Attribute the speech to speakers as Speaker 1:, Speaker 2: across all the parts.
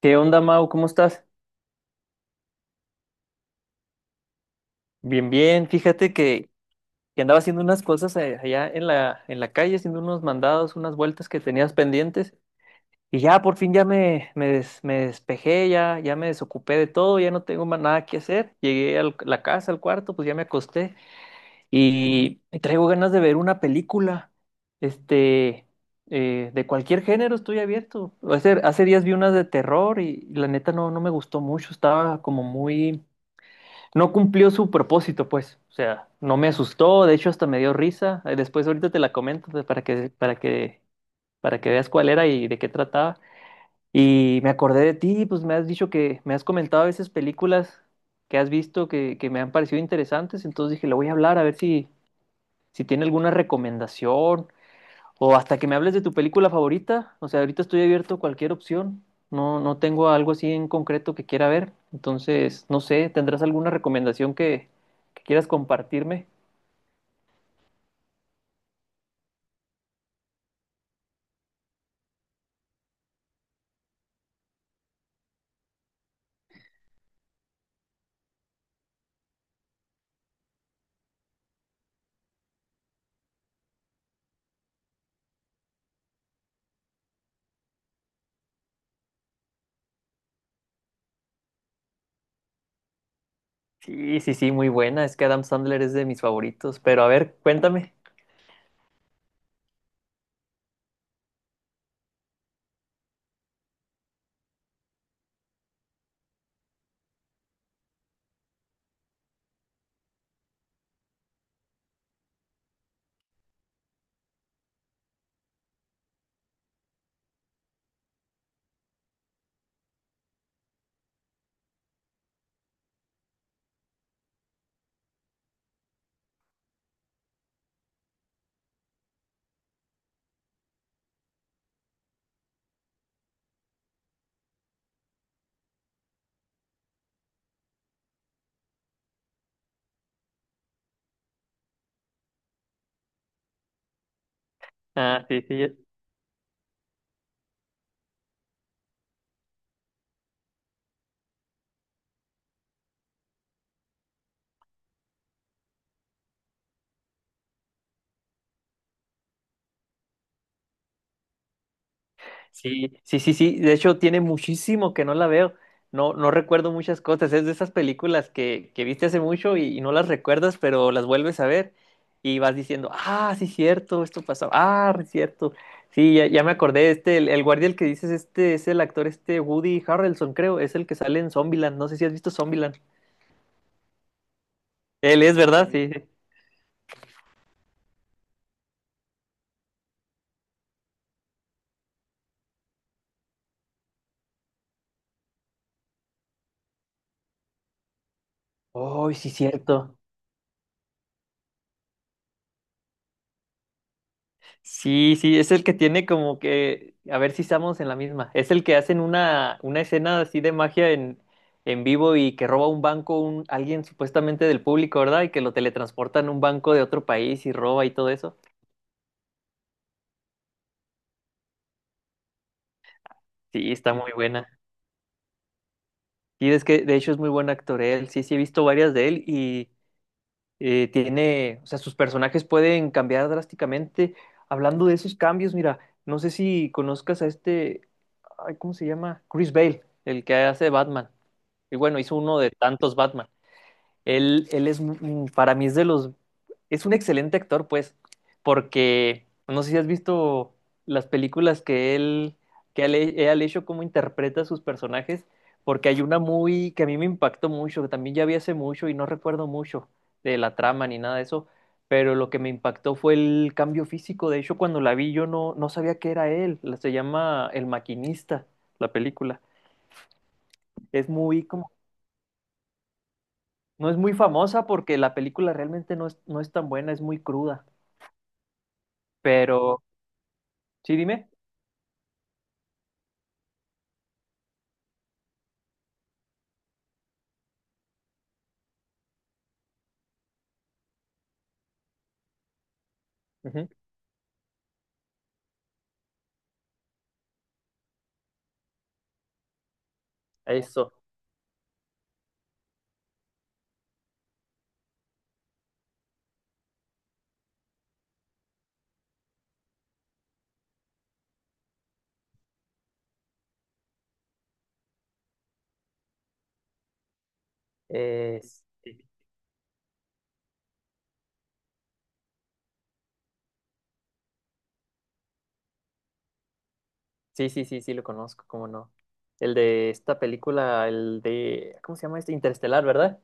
Speaker 1: ¿Qué onda, Mau? ¿Cómo estás? Bien, bien. Fíjate que andaba haciendo unas cosas allá en la calle, haciendo unos mandados, unas vueltas que tenías pendientes. Y ya, por fin, ya me despejé, ya me desocupé de todo, ya no tengo más nada que hacer. Llegué a la casa, al cuarto, pues ya me acosté. Y traigo ganas de ver una película, este, de cualquier género, estoy abierto. Hace días vi unas de terror y la neta no me gustó mucho, estaba como muy, no cumplió su propósito, pues. O sea, no me asustó, de hecho hasta me dio risa. Después ahorita te la comento, pues, para que veas cuál era y de qué trataba. Y me acordé de ti, pues me has dicho, que me has comentado a veces películas que has visto que me han parecido interesantes. Entonces dije, le voy a hablar a ver si tiene alguna recomendación, o hasta que me hables de tu película favorita. O sea, ahorita estoy abierto a cualquier opción. No, no tengo algo así en concreto que quiera ver. Entonces, no sé, ¿tendrás alguna recomendación que quieras compartirme? Sí, sí, sí, muy buena. Es que Adam Sandler es de mis favoritos. Pero a ver, cuéntame. Ah, sí, sí. Sí, sí, sí, sí. De hecho, tiene muchísimo que no la veo. No, no recuerdo muchas cosas. Es de esas películas que viste hace mucho y no las recuerdas, pero las vuelves a ver y vas diciendo, ah, sí, cierto, esto pasó. Ah, es cierto. Sí, ya me acordé. El guardia, el que dices, este es el actor, este Woody Harrelson, creo. Es el que sale en Zombieland. No sé si has visto Zombieland. Él es, ¿verdad? Sí, sí. Oh, sí, cierto. Sí, sí, es el que tiene como que, a ver si estamos en la misma, es el que hacen una escena así de magia en vivo y que roba un banco, alguien supuestamente del público, ¿verdad? Y que lo teletransportan a un banco de otro país y roba y todo eso. Sí, está muy buena. Y es que de hecho es muy buen actor él, sí, sí, he visto varias de él y tiene, o sea, sus personajes pueden cambiar drásticamente. Hablando de esos cambios, mira, no sé si conozcas a este, ay, ¿cómo se llama? Chris Bale, el que hace Batman. Y bueno, hizo uno de tantos Batman. Él es, para mí es un excelente actor, pues, porque no sé si has visto las películas que él él ha hecho, cómo interpreta a sus personajes, porque hay una muy, que a mí me impactó mucho, que también ya vi hace mucho y no recuerdo mucho de la trama ni nada de eso, pero lo que me impactó fue el cambio físico. De hecho, cuando la vi yo no sabía que era él. Se llama El Maquinista, la película. Es muy como. No es muy famosa porque la película realmente no es tan buena, es muy cruda. Pero, sí, dime. Ujú. Eso. es- sí, sí, sí, sí, lo conozco, cómo no. El de esta película, el de, ¿cómo se llama este? Interestelar, ¿verdad?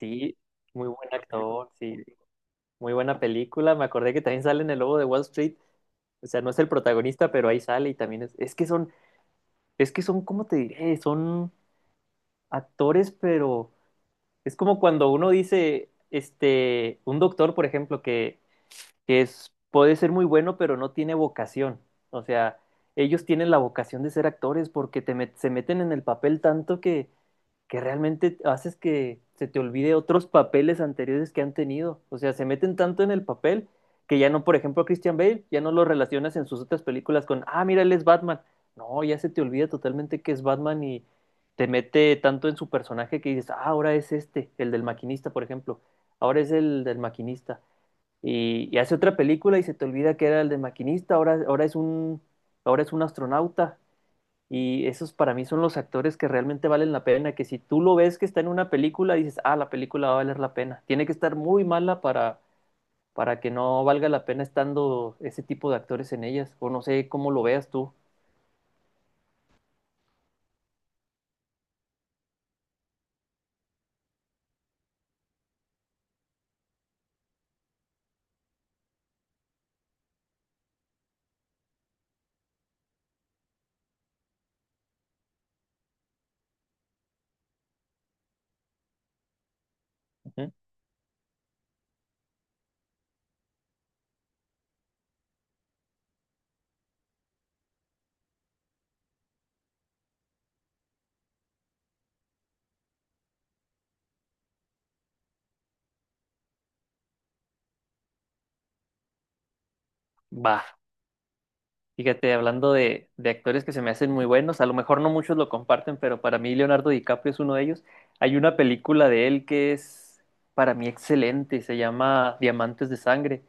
Speaker 1: Sí, muy buen actor, sí, muy buena película. Me acordé que también sale en El Lobo de Wall Street. O sea, no es el protagonista, pero ahí sale y también es que son, ¿cómo te diré? Son actores, pero es como cuando uno dice, un doctor, por ejemplo, que es, puede ser muy bueno, pero no tiene vocación. O sea, ellos tienen la vocación de ser actores porque se meten en el papel tanto que realmente haces que se te olvide otros papeles anteriores que han tenido. O sea, se meten tanto en el papel que ya no, por ejemplo, a Christian Bale, ya no lo relacionas en sus otras películas con, ah, mira, él es Batman. No, ya se te olvida totalmente que es Batman y te mete tanto en su personaje que dices, ah, ahora es este, el del maquinista, por ejemplo. Ahora es el del maquinista. Y hace otra película y se te olvida que era el del maquinista, ahora es un astronauta, y esos para mí son los actores que realmente valen la pena, que si tú lo ves que está en una película, dices, ah, la película va a valer la pena. Tiene que estar muy mala para que no valga la pena estando ese tipo de actores en ellas, o no sé cómo lo veas tú. Ujú. Va, fíjate, hablando de actores que se me hacen muy buenos, a lo mejor no muchos lo comparten, pero para mí Leonardo DiCaprio es uno de ellos. Hay una película de él que es para mí excelente, se llama Diamantes de Sangre.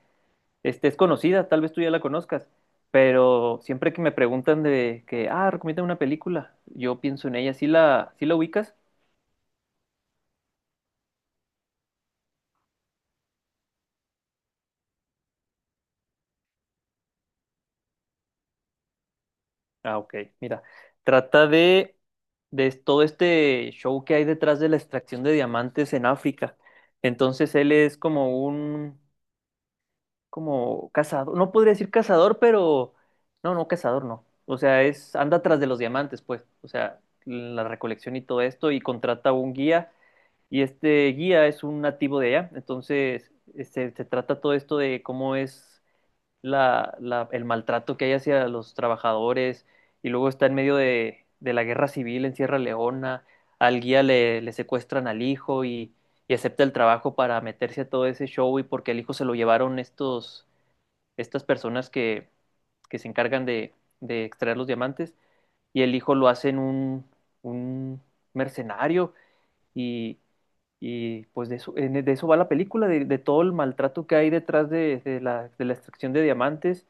Speaker 1: Es conocida, tal vez tú ya la conozcas, pero siempre que me preguntan de que, ah, recomienda una película, yo pienso en ella. ¿Sí la ubicas? Ah, ok, mira, trata de todo este show que hay detrás de la extracción de diamantes en África. Entonces él es como cazador, no podría decir cazador, pero, no, no, cazador no. O sea, anda tras de los diamantes, pues, o sea, la recolección y todo esto, y contrata a un guía. Y este guía es un nativo de allá, entonces se trata todo esto de cómo es el maltrato que hay hacia los trabajadores y luego está en medio de la guerra civil en Sierra Leona. Al guía le secuestran al hijo y acepta el trabajo para meterse a todo ese show, y porque al hijo se lo llevaron estas personas que se encargan de extraer los diamantes, y el hijo lo hacen un mercenario, y y pues de eso, de eso va la película, de todo el maltrato que hay detrás de la extracción de diamantes.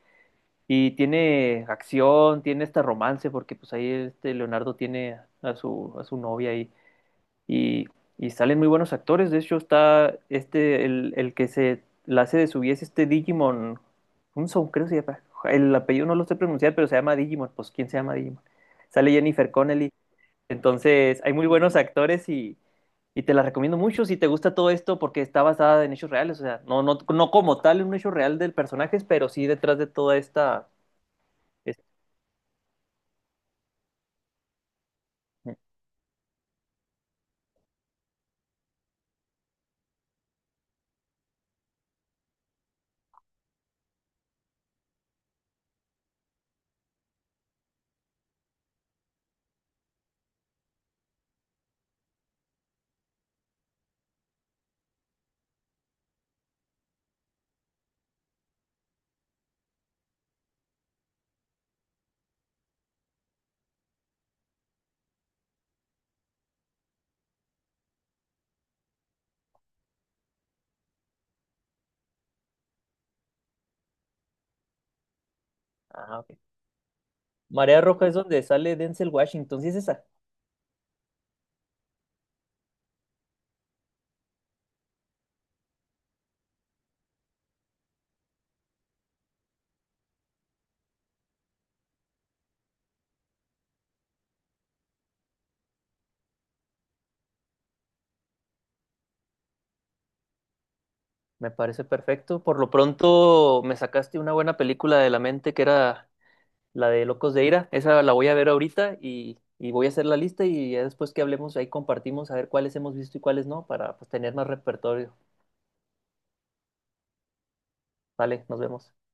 Speaker 1: Y tiene acción, tiene este romance, porque pues ahí este Leonardo tiene a su novia ahí. Y, y salen muy buenos actores. De hecho, está el que se la hace de su guía, es este Digimon. Un son, creo que se llama. El apellido no lo sé pronunciar, pero se llama Digimon. Pues, ¿quién se llama Digimon? Sale Jennifer Connelly. Entonces, hay muy buenos actores y te la recomiendo mucho si te gusta todo esto porque está basada en hechos reales, o sea, no como tal en un hecho real del personaje, pero sí detrás de toda esta. es- Ah, ok. Marea Roja es donde sale Denzel Washington, sí es esa. Me parece perfecto. Por lo pronto me sacaste una buena película de la mente, que era la de Locos de Ira. Esa la voy a ver ahorita y voy a hacer la lista, y ya después que hablemos ahí compartimos a ver cuáles hemos visto y cuáles no, para, pues, tener más repertorio. Vale, nos vemos.